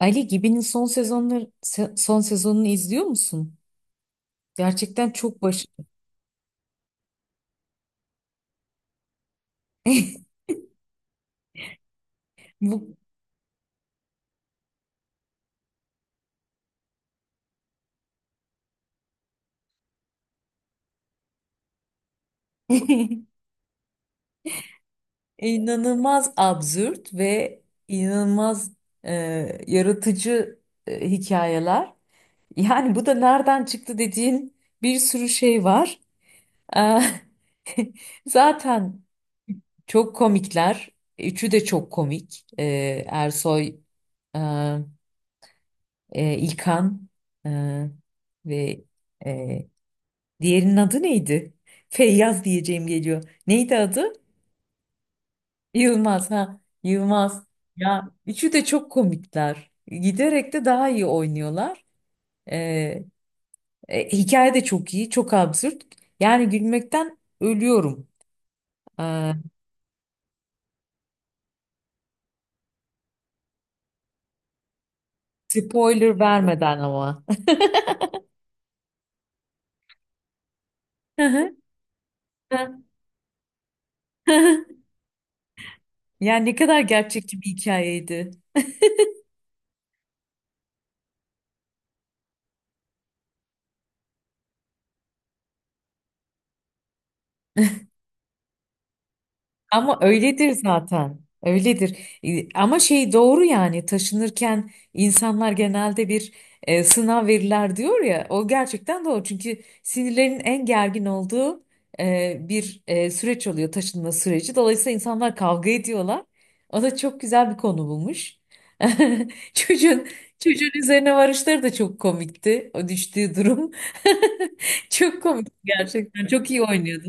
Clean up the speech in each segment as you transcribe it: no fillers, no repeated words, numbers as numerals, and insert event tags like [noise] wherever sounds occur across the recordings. Ali Gibi'nin son sezonları son sezonunu izliyor musun? Gerçekten çok başarılı. [laughs] Bu [laughs] inanılmaz absürt ve inanılmaz e, yaratıcı hikayeler. Yani bu da nereden çıktı dediğin bir sürü şey var. Eh, [laughs] Zaten çok komikler. Üçü de çok komik. Eh, Ersoy, eh, İlkan, eh, ve e, diğerinin adı neydi? Feyyaz diyeceğim geliyor. Neydi adı? Yılmaz ha. Yılmaz. Ya üçü de çok komikler. Giderek de daha iyi oynuyorlar. Ee, hikaye de çok iyi, çok absürt. Yani gülmekten ölüyorum. Ee, spoiler vermeden ama. [laughs] Yani ne kadar gerçekçi bir hikayeydi. Ama öyledir zaten. Öyledir. Ama şey doğru yani taşınırken insanlar genelde bir sınav verirler diyor ya. O gerçekten doğru. Çünkü sinirlerin en gergin olduğu süreç oluyor taşınma süreci. Dolayısıyla insanlar kavga ediyorlar. O da çok güzel bir konu bulmuş. [laughs] Çocuğun çocuğun üzerine varışları da çok komikti. O düştüğü durum. [laughs] Çok komikti gerçekten. Çok iyi oynuyordu.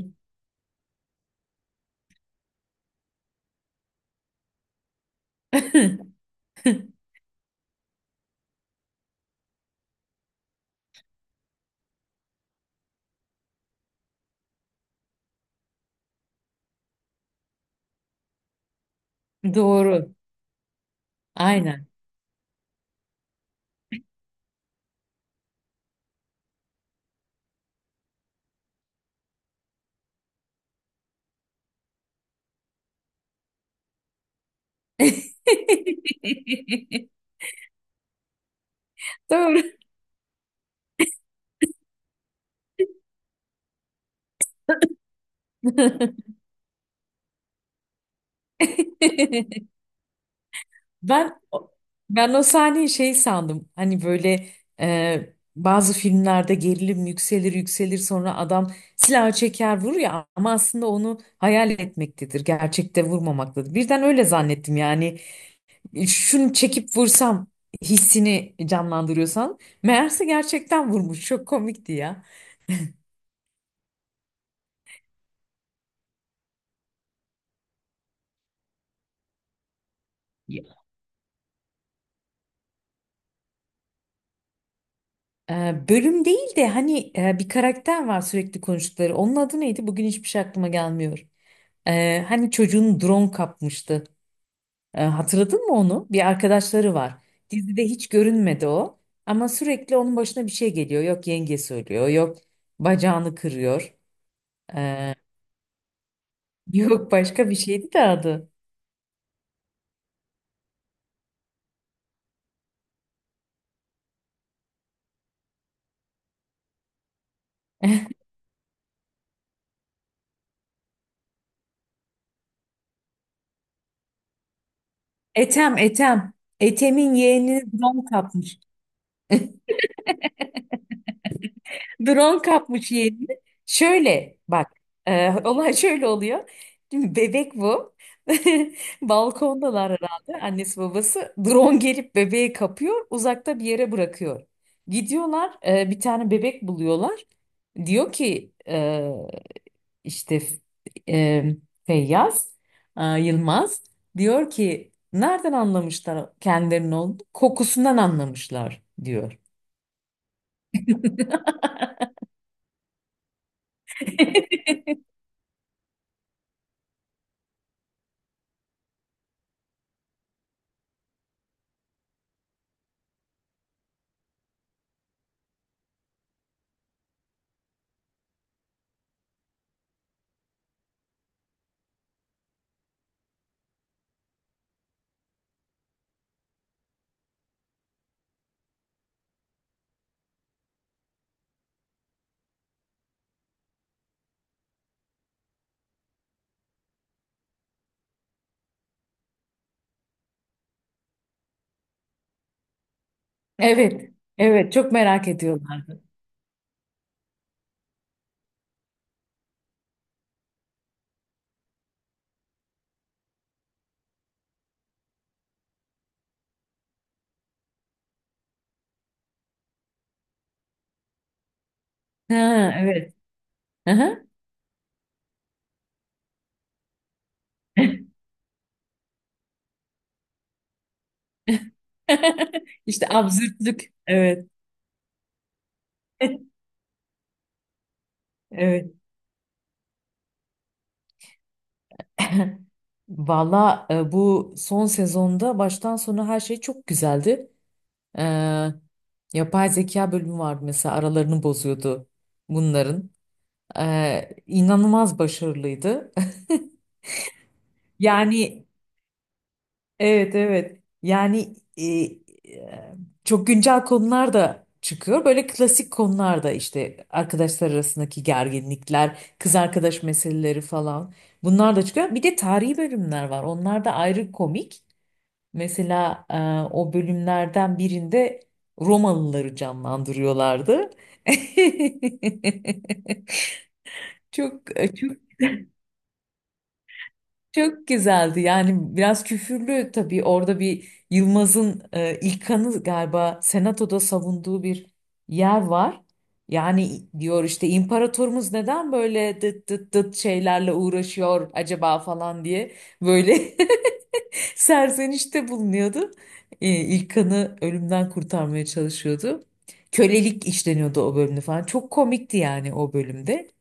[laughs] Doğru. Aynen. [laughs] Doğru. [laughs] Ben ben o sahneyi şey sandım. Hani böyle bazı filmlerde gerilim yükselir yükselir sonra adam silahı çeker vurur ya ama aslında onu hayal etmektedir. Gerçekte vurmamaktadır. Birden öyle zannettim yani. Şunu çekip vursam hissini canlandırıyorsan meğerse gerçekten vurmuş. Çok komikti ya. Bölüm değil de hani bir karakter var sürekli konuştukları. Onun adı neydi? Bugün hiçbir şey aklıma gelmiyor. Hani çocuğun drone kapmıştı. Hatırladın mı onu? Bir arkadaşları var. Dizide hiç görünmedi o. Ama sürekli onun başına bir şey geliyor. Yok yenge söylüyor. Yok bacağını kırıyor. Ee, [laughs] yok başka bir şeydi de adı. Etem, Etem. Etem'in yeğenini drone kapmış. Drone kapmış yeğenini. Şöyle bak, [laughs] olay şöyle oluyor. Şimdi bebek bu. [laughs] Balkondalar herhalde annesi babası. Drone gelip bebeği kapıyor, uzakta bir yere bırakıyor. Gidiyorlar, bir tane bebek buluyorlar. Diyor ki işte e, Feyyaz Yılmaz diyor ki nereden anlamışlar kendilerinin olduğunu? Kokusundan anlamışlar diyor. [laughs] Evet, evet, çok merak ediyorlar. Ha, evet. Aha. [laughs] İşte absürtlük. Evet. [laughs] Evet. [laughs] Valla, bu son sezonda baştan sona her şey çok güzeldi. E, yapay zeka bölümü vardı mesela, aralarını bozuyordu bunların. E, inanılmaz başarılıydı. [laughs] Yani evet, evet. Yani e, çok güncel konular da çıkıyor. Böyle klasik konular da işte arkadaşlar arasındaki gerginlikler, kız arkadaş meseleleri falan. Bunlar da çıkıyor. Bir de tarihi bölümler var. Onlar da ayrı komik. Mesela o bölümlerden birinde Romalıları canlandırıyorlardı. [laughs] Çok çok çok güzeldi yani. Biraz küfürlü tabii, orada bir Yılmaz'ın İlkan'ı galiba senatoda savunduğu bir yer var. Yani diyor işte imparatorumuz neden böyle dıt dıt dıt şeylerle uğraşıyor acaba falan diye böyle [laughs] serzenişte bulunuyordu. İlkan'ı ölümden kurtarmaya çalışıyordu. Kölelik işleniyordu o bölümde falan. Çok komikti yani o bölümde.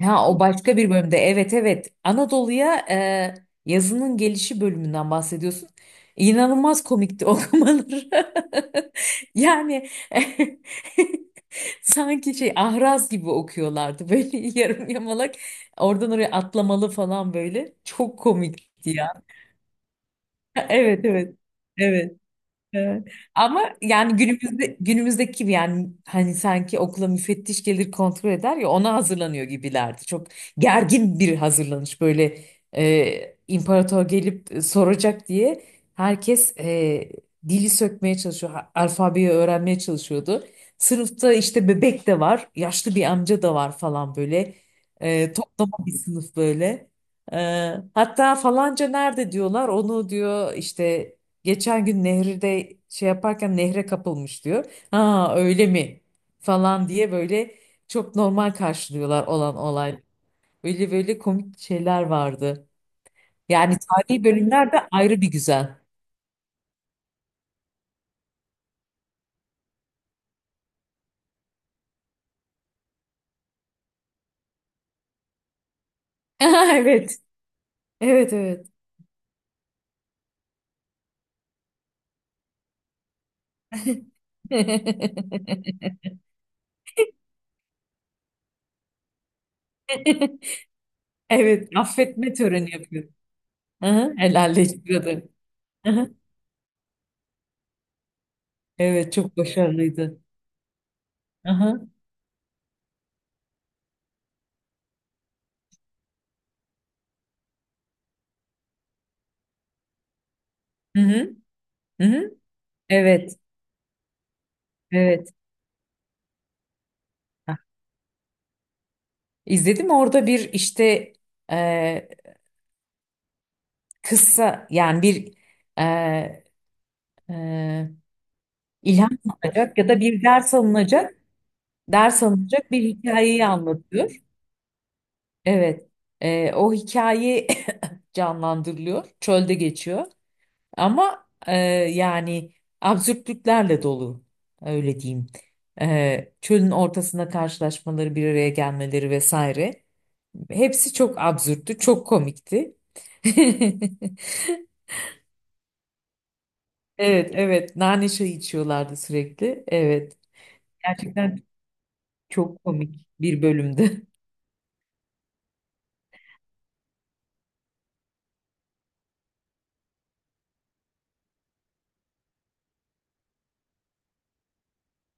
Ha, o başka bir bölümde. Evet, evet. Anadolu'ya yazının gelişi bölümünden bahsediyorsun. İnanılmaz komikti okumaları. [laughs] Yani [laughs] sanki şey ahraz gibi okuyorlardı böyle, [laughs] yarım yamalak. Oradan oraya atlamalı falan böyle. Çok komikti ya. [laughs] Evet, evet. Evet. Evet. Ama yani günümüzde, günümüzdeki gibi yani, hani sanki okula müfettiş gelir kontrol eder ya, ona hazırlanıyor gibilerdi. Çok gergin bir hazırlanış böyle. e, imparator gelip soracak diye herkes dili sökmeye çalışıyor, alfabeyi öğrenmeye çalışıyordu. Sınıfta işte bebek de var, yaşlı bir amca da var falan böyle, toplama bir sınıf böyle. E, hatta falanca nerede diyorlar, onu diyor işte geçen gün nehirde şey yaparken nehre kapılmış diyor. Ha öyle mi? Falan diye böyle çok normal karşılıyorlar olan olay. Böyle böyle komik şeyler vardı. Yani tarihi bölümler de ayrı bir güzel. [laughs] Evet. Evet, evet. [laughs] Evet, affetme töreni yapıyor. Aha, helalleştiriyordu. Aha, evet, çok başarılıydı. Aha, hı hı, hı hı. Evet, evet. Ha, İzledim orada bir işte kısa yani bir e, e, ilham alınacak ya da bir ders alınacak, ders alınacak bir hikayeyi anlatıyor. Evet. O hikaye [laughs] canlandırılıyor. Çölde geçiyor. Ama yani absürtlüklerle dolu. Öyle diyeyim. Çölün ortasında karşılaşmaları, bir araya gelmeleri vesaire. Hepsi çok absürttü, çok komikti. [laughs] Evet, evet. Nane çayı içiyorlardı sürekli. Evet. Gerçekten çok komik bir bölümdü. [laughs]